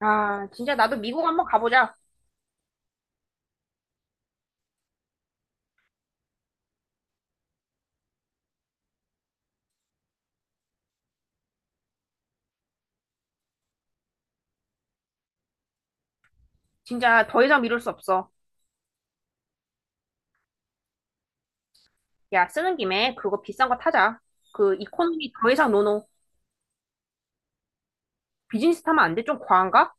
아, 진짜 나도 미국 한번 가보자. 진짜 더 이상 미룰 수 없어. 야, 쓰는 김에 그거 비싼 거 타자. 그 이코노미 더 이상 노노. 비즈니스 타면 안 돼? 좀 과한가?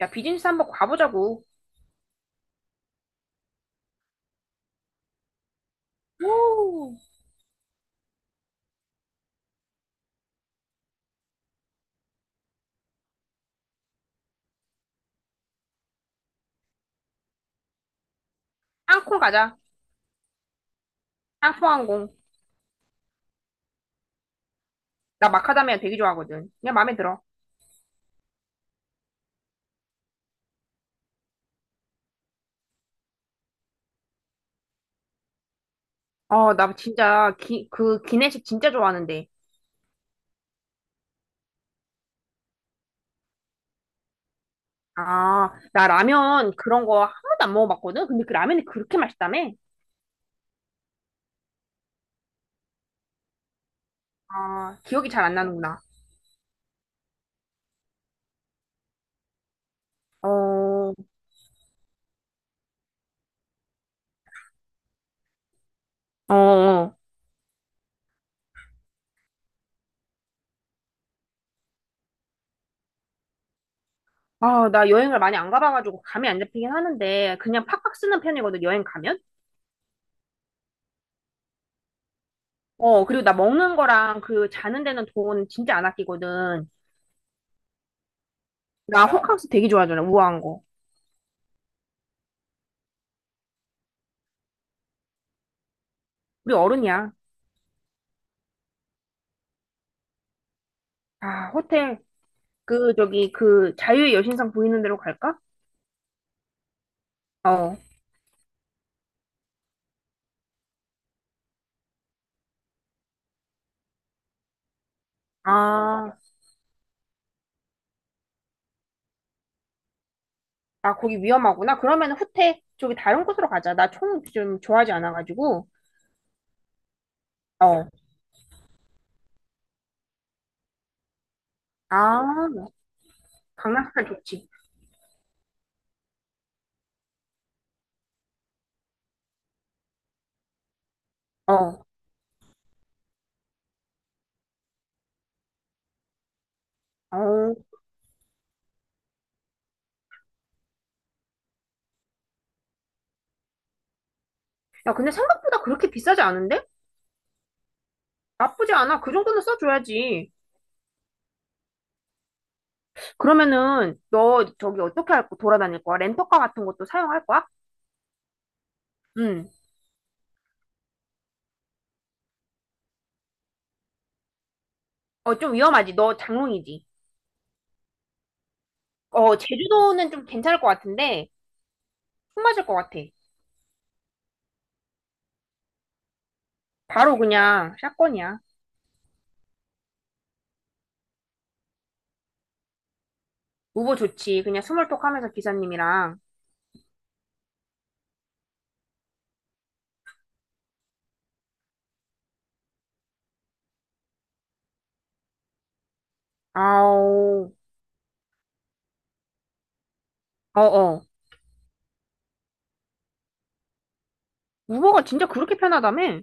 야, 비즈니스 한번 가보자고. 오, 항콩 가자. 땅콩 항공. 나 마카다미아 되게 좋아하거든. 그냥 마음에 들어. 어, 나 진짜 기, 그 기내식 진짜 좋아하는데. 아, 나 라면 그런 거 한 번도 안 먹어봤거든? 근데 그 라면이 그렇게 맛있다며? 아, 기억이 잘 안 나는구나. 어, 어, 어. 아, 나 여행을 많이 안 가봐가지고 감이 안 잡히긴 하는데 그냥 팍팍 쓰는 편이거든, 여행 가면? 어, 그리고 나 먹는 거랑 그 자는 데는 돈 진짜 안 아끼거든. 나 호캉스 되게 좋아하잖아, 우아한 거. 우리 어른이야. 아, 호텔, 그, 저기, 그, 자유의 여신상 보이는 데로 갈까? 어. 아, 아, 거기 위험하구나. 그러면 호텔, 저기 다른 곳으로 가자. 나 총 좀 좋아하지 않아가지고. 어. 아, 강남스타일 좋지. 어. 어. 야, 근데 생각보다 그렇게 비싸지 않은데? 나쁘지 않아. 그 정도는 써줘야지. 그러면은 너 저기 어떻게 할 거, 돌아다닐 거야? 렌터카 같은 것도 사용할 거야? 응. 어, 좀 위험하지. 너 장롱이지. 어, 제주도는 좀 괜찮을 것 같은데 숨 맞을 것 같아. 바로 그냥 샷건이야. 우버 좋지. 그냥 스몰톡 하면서 기사님이랑. 아오. 어어. 우버가 진짜 그렇게 편하다며?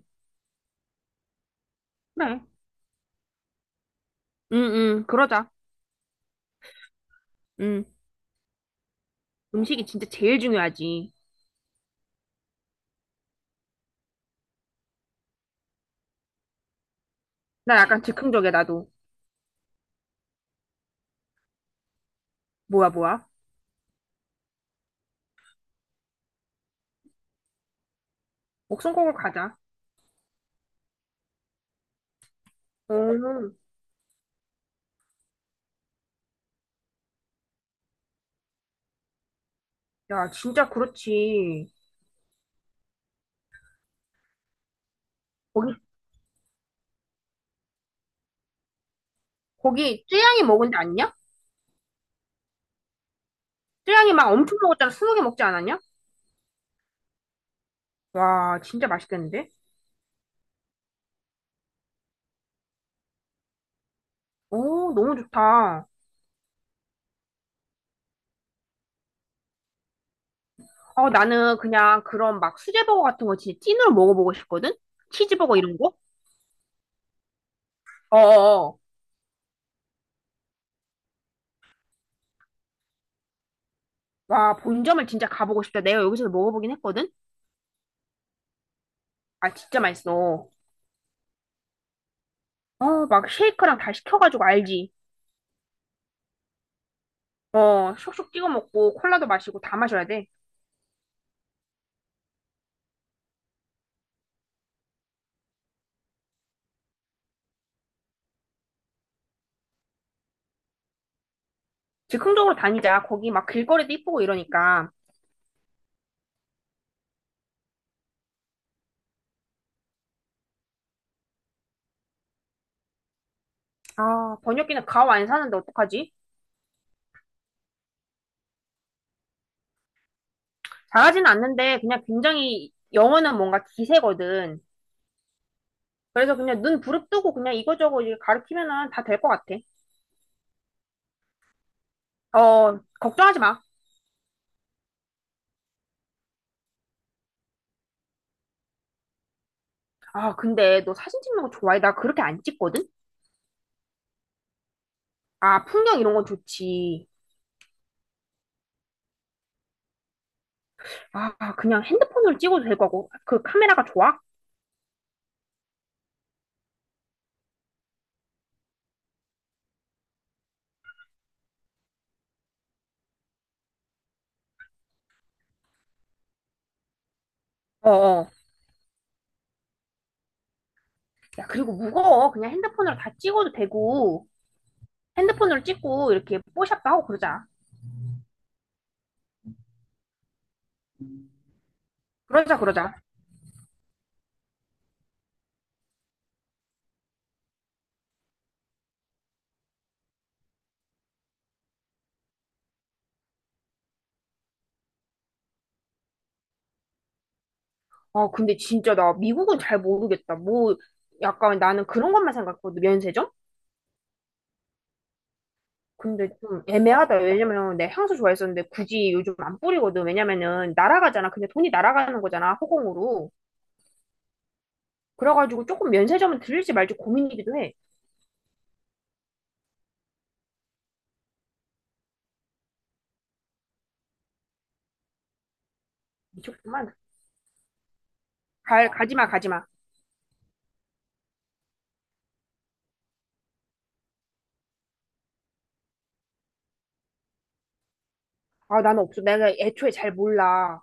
그래. 응응. 그러자. 응. 음식이 진짜 제일 중요하지. 나 약간 즉흥적이야, 나도. 뭐야, 뭐야? 목숨 걸고 가자. 어. 야, 진짜 그렇지. 거기, 거기, 쯔양이 먹은 데 아니냐? 쯔양이 막 엄청 먹었잖아. 스무 개 먹지 않았냐? 와, 진짜 맛있겠는데? 오, 너무 좋다. 어, 나는 그냥 그런 막 수제버거 같은 거 진짜 찐으로 먹어보고 싶거든? 치즈버거 이런 거? 어어어. 와, 본점을 진짜 가보고 싶다. 내가 여기서 먹어보긴 했거든? 아, 진짜 맛있어. 어, 막 쉐이크랑 다 시켜가지고 알지? 어, 쇽쇽 찍어 먹고 콜라도 마시고 다 마셔야 돼. 즉흥적으로 다니자. 거기 막 길거리도 이쁘고 이러니까. 아, 번역기는 가오 안 사는데 어떡하지? 잘하진 않는데 그냥 굉장히 영어는 뭔가 기세거든. 그래서 그냥 눈 부릅뜨고 그냥 이거저거 이제 가르치면은 다 될 것 같아. 어, 걱정하지 마. 아, 근데 너 사진 찍는 거 좋아해? 나 그렇게 안 찍거든? 아, 풍경 이런 건 좋지. 아, 그냥 핸드폰으로 찍어도 될 거고. 그 카메라가 좋아? 어어. 야, 그리고 무거워. 그냥 핸드폰으로 다 찍어도 되고. 핸드폰으로 찍고 이렇게 뽀샵도 하고 그러자. 그러자, 그러자. 아, 근데 진짜 나 미국은 잘 모르겠다. 뭐, 약간 나는 그런 것만 생각했거든, 면세점? 근데 좀 애매하다. 왜냐면 내 향수 좋아했었는데 굳이 요즘 안 뿌리거든. 왜냐면은 날아가잖아. 근데 돈이 날아가는 거잖아, 허공으로. 그래가지고 조금 면세점은 들릴지 말지 고민이기도 해. 미쳤구만. 갈, 가지마, 가지마. 아, 나는 없어. 내가 애초에 잘 몰라.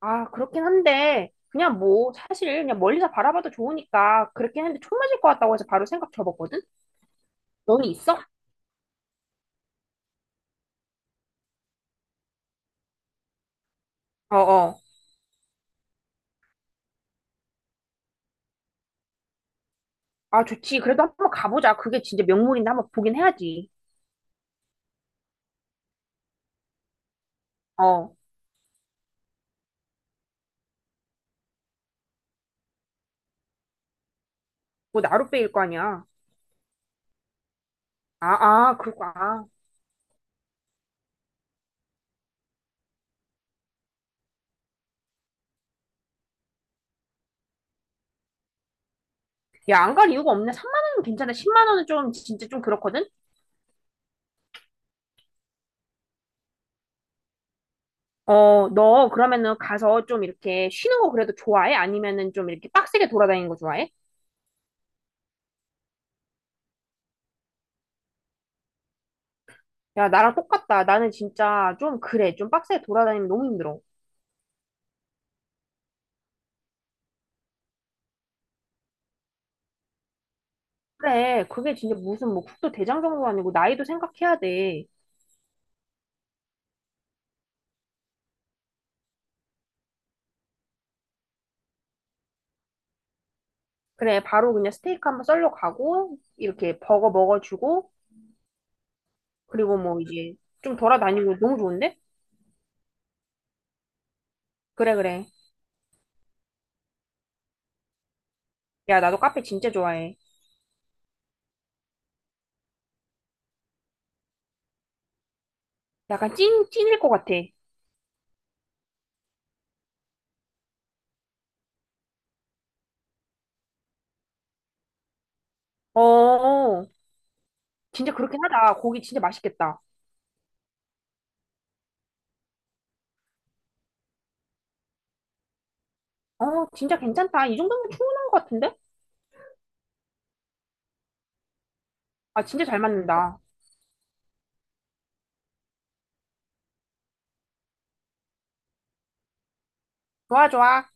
아, 그렇긴 한데, 그냥 뭐, 사실 그냥 멀리서 바라봐도 좋으니까 그렇긴 한데 총 맞을 것 같다고 해서 바로 생각 접었거든? 너는 있어? 어어. 아, 좋지. 그래도 한번 가보자. 그게 진짜 명물인데 한번 보긴 해야지. 어, 뭐 나룻배일 거 아니야. 아, 아, 그렇구나. 아. 야, 안 갈 이유가 없네. 3만 원은 괜찮아. 10만 원은 좀 진짜 좀 그렇거든. 어, 너 그러면은 가서 좀 이렇게 쉬는 거 그래도 좋아해? 아니면은 좀 이렇게 빡세게 돌아다니는 거 좋아해? 야, 나랑 똑같다. 나는 진짜 좀 그래. 좀 빡세게 돌아다니면 너무 힘들어. 그래, 그게 진짜 무슨 뭐 국도 대장정도 아니고 나이도 생각해야 돼. 그래, 바로 그냥 스테이크 한번 썰러 가고 이렇게 버거 먹어주고 그리고 뭐 이제 좀 돌아다니고 너무 좋은데? 그래, 그래. 야, 나도 카페 진짜 좋아해. 약간 찐, 찐일 것 같아. 어, 어. 어. 진짜 그렇긴 하다. 고기 진짜 맛있겠다. 어, 진짜 괜찮다. 이 정도면 충분한 것 같은데? 아, 진짜 잘 맞는다. 좋아, 좋아.